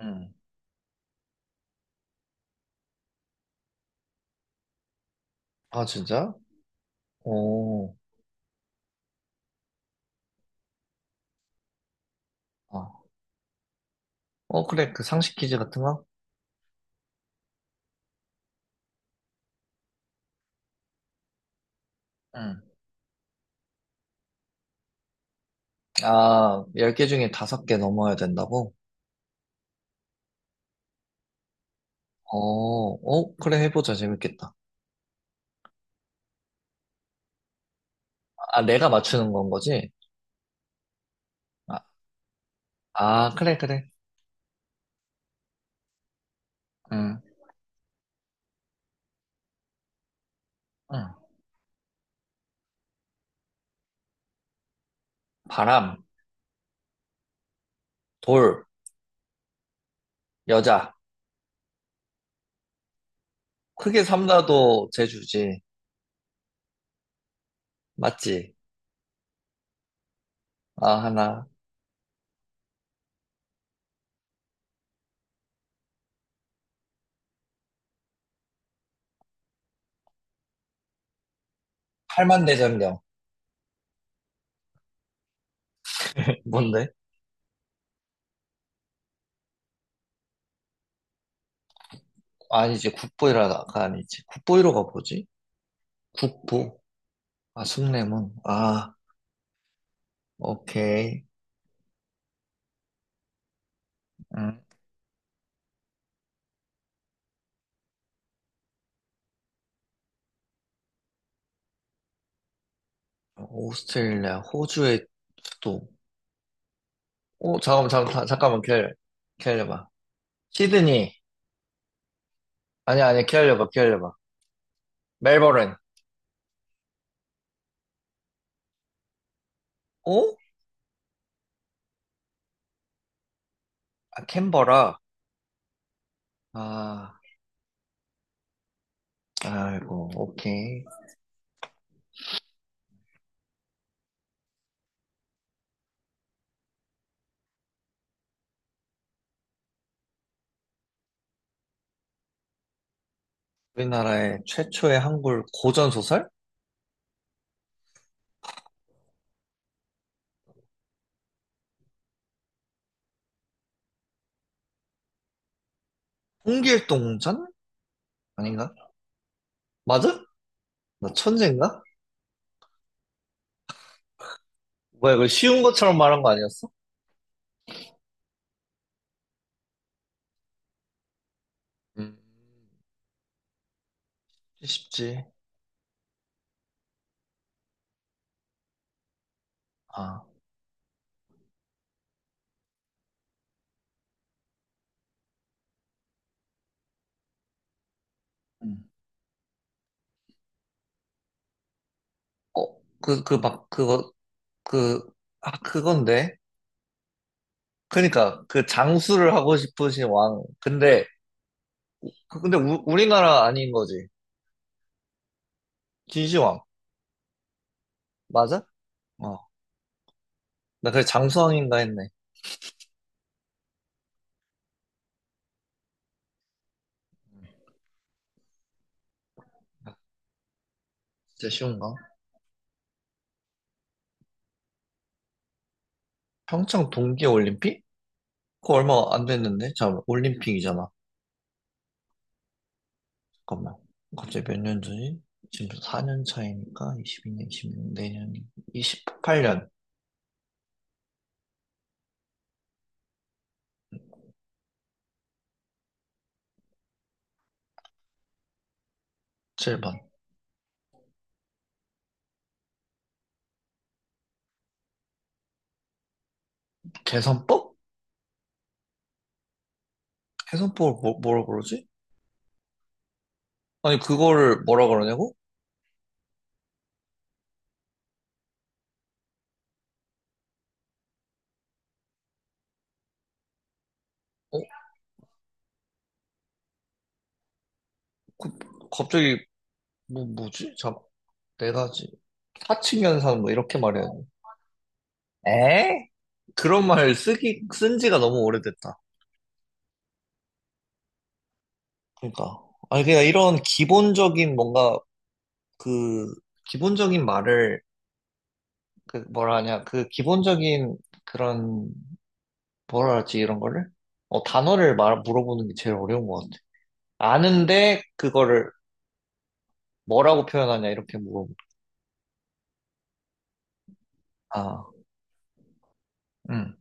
응. 아, 진짜? 오. 어. 어, 그래. 그 상식 퀴즈 같은 거? 응. 아, 10개 중에 5개 넘어야 된다고? 어, 어, 그래. 해보자. 재밌겠다. 아, 내가 맞추는 건 거지? 아, 아, 그래, 그래. 응, 응. 바람, 돌, 여자. 크게 삼다도 제주지. 맞지? 아, 하나. 팔만대장경. 뭔데? 아니지. 국보이라가 아니지. 국보이로가 뭐지? 국보. 아, 숭례문. 아, 오케이. 음. 오스트레일리아, 호주의 수도. 어, 잠깐만, 기다려. 기다려봐. 시드니. 아니, 아니, 기다려봐, 기다려봐. 멜버른. 어? 아, 캔버라. 아, 아이고, 오케이. 우리나라의 최초의 한글 고전소설? 홍길동전? 아닌가? 맞아? 나 천재인가? 뭐야, 이거 쉬운 것처럼 말한 거 아니었어? 음, 쉽지. 아, 음. 어, 그, 아, 그건데. 그니까 그 장수를 하고 싶으신 왕. 근데 근데 우리나라 아닌 거지. 진시황 맞아? 어. 나 그래 장수왕인가 했네. 진짜 쉬운가? 평창 동계올림픽? 그거 얼마 안 됐는데? 잠깐만 올림픽이잖아. 잠깐만. 갑자기 몇 년 전이? 지금 4년 차이니까 22년, 2년 내년 28년 7번. 개선법? 개선법을 뭐, 뭐라 그러지? 아니 그거를 뭐라 그러냐고? 어? 갑자기 뭐지? 잠 네 가지. 사칭 연산 뭐 이렇게 말해야 돼. 에? 그런 말 쓴 지가 너무 오래됐다. 그러니까. 아니, 그냥 이런 기본적인 뭔가 그, 기본적인 말을, 그, 뭐라 하냐, 그 기본적인 그런, 뭐라 하지, 이런 거를? 어, 단어를 말, 물어보는 게 제일 어려운 것 같아. 아는데, 그거를 뭐라고 표현하냐, 이렇게 물어보 아, 응.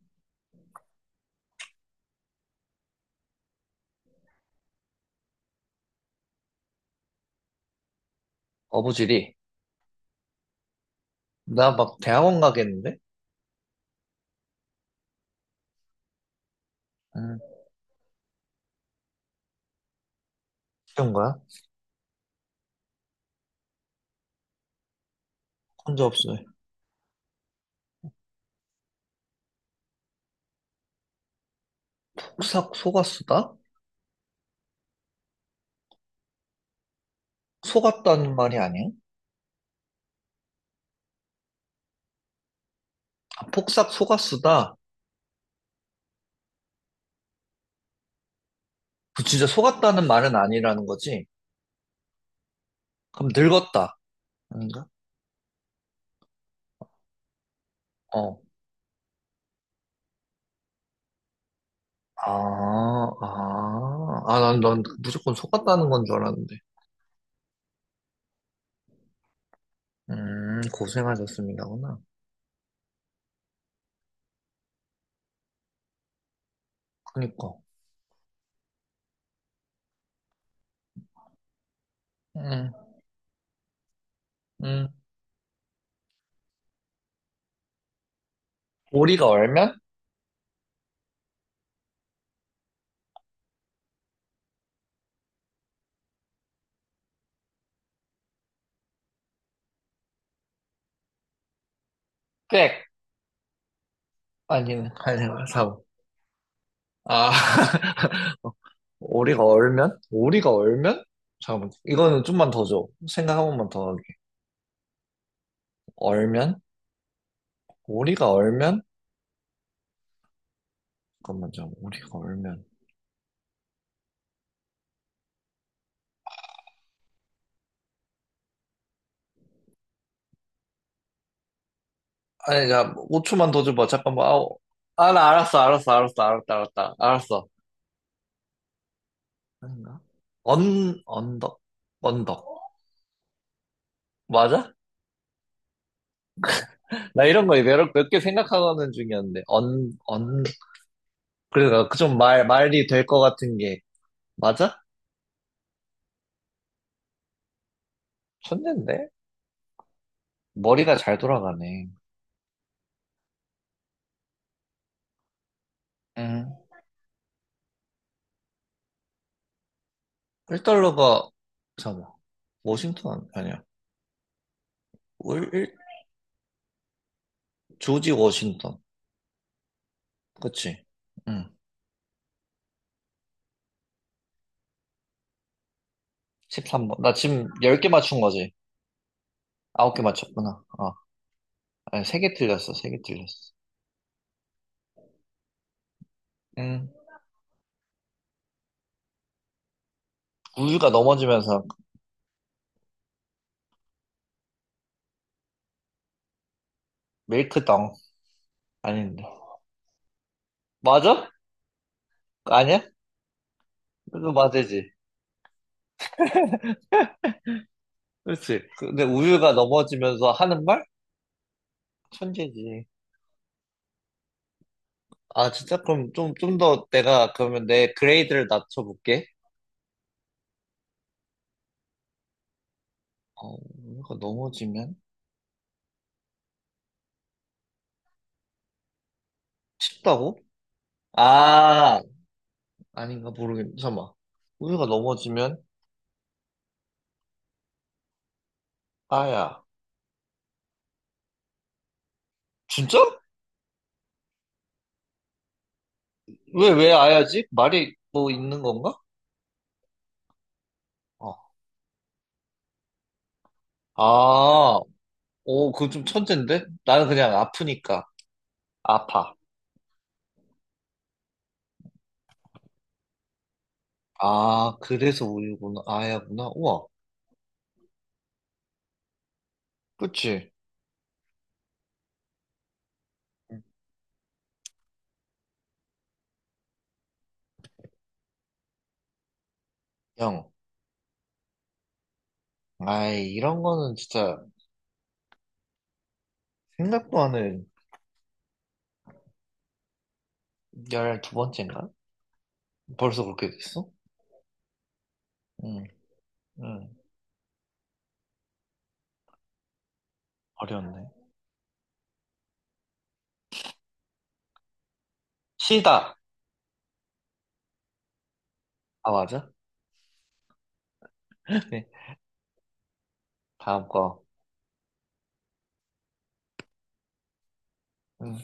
어부지리. 나 막 대학원 가겠는데? 응. 그런 거야? 혼자 없어. 폭삭 속았수다? 속았다는 말이 아니에요? 아, 폭삭 속았수다. 그 진짜 속았다는 말은 아니라는 거지. 그럼 늙었다. 아닌가? 어. 아, 아. 아, 난 무조건 속았다는 건 줄 알았는데. 고생하셨습니다구나. 그니까. 음, 음. 오리가 얼면? 꽥! 아니네. 아니, 사고. 아, 오리가 얼면? 잠깐만. 이거는 좀만 더 줘. 생각 한 번만 더 하게. 얼면? 오리가 얼면? 잠깐만, 잠깐 오리가 얼면. 아니, 야, 5초만 더 줘봐. 잠깐만. 아 아, 나 알았어. 아닌가? 언덕, 언덕. 맞아? 나 이런 거 몇 개 생각하는 중이었는데. 언, 언. 그러니까 그 좀 말, 말이 될 것 같은 게. 맞아? 천재인데? 머리가 잘 돌아가네. 음. 1달러가, 잠깐만. 워싱턴 아니야. 월, 일- 조지 워싱턴. 그치? 응. 13번. 나 지금 10개 맞춘 거지. 9개 맞췄구나. 어. 아니, 세 개 틀렸어. 음, 우유가 넘어지면서 밀크덩. 아닌데. 맞아? 아니야? 그래도 맞지. 그렇지. 근데 우유가 넘어지면서 하는 말? 천재지. 아, 진짜? 그럼 좀 더 내가, 그러면 내 그레이드를 낮춰볼게. 어, 우유가 넘어지면? 춥다고? 아, 아닌가 모르겠네. 잠깐만. 우유가 넘어지면? 아야. 진짜? 왜 아야지? 말이 뭐 있는 건가? 어. 아 오, 그거 좀 천잰데? 나는 그냥 아프니까. 아파. 아, 그래서 우유구나. 아야구나. 우와. 그치? 영. 아이, 이런 거는 진짜 생각도 안 해. 열 두 번째인가? 벌써 그렇게 됐어? 응, 응. 어려웠네. 시다. 아, 맞아? 네. 다음 거. 응.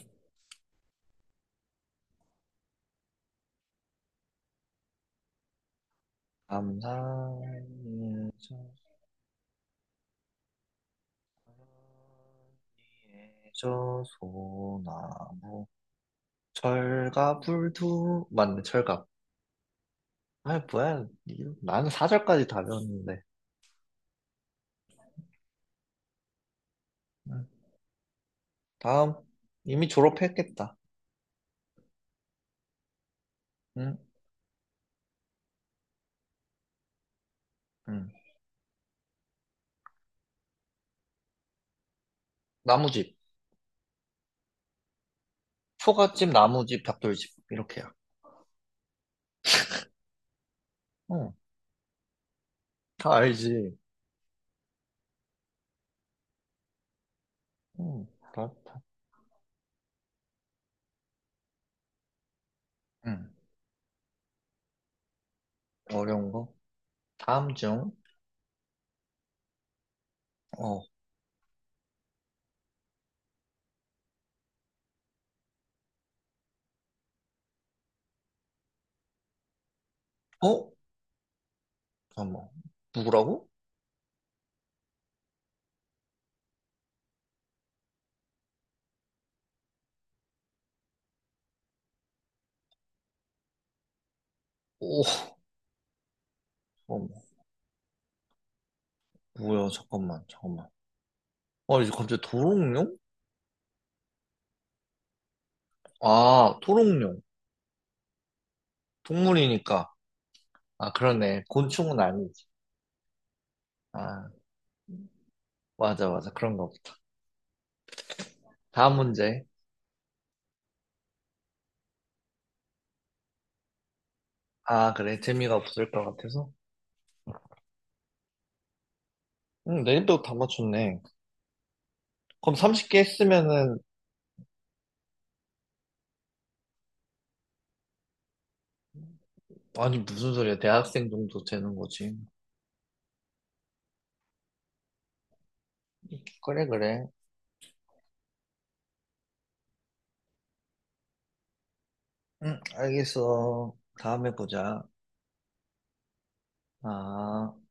감상예저 예저 소나무 철갑 불두 맞네 철갑 아 뭐야 이거 나는 사절까지 다 배웠는데 음. 다음. 이미 졸업했겠다. 응? 응. 나무집. 초가집, 나무집, 벽돌집. 이렇게야. 응. 다 알지. 응. 그렇다. 응. 어려운 거. 다음 중. 어. 어? 잠깐만. 누구라고? 오. 잠깐만. 뭐야, 잠깐만. 잠깐만. 어, 이제 갑자기 도롱뇽? 아, 도롱뇽. 동물이니까. 아, 그러네. 곤충은 아니지. 아, 맞아, 맞아. 그런 거. 다음 문제. 아, 그래. 재미가 없을 것 같아서. 응, 내일도 다 맞췄네. 그럼 30개 했으면은, 아니, 무슨 소리야. 대학생 정도 되는 거지. 그래, 그래. 응, 알겠어. 다음에 보자. 아.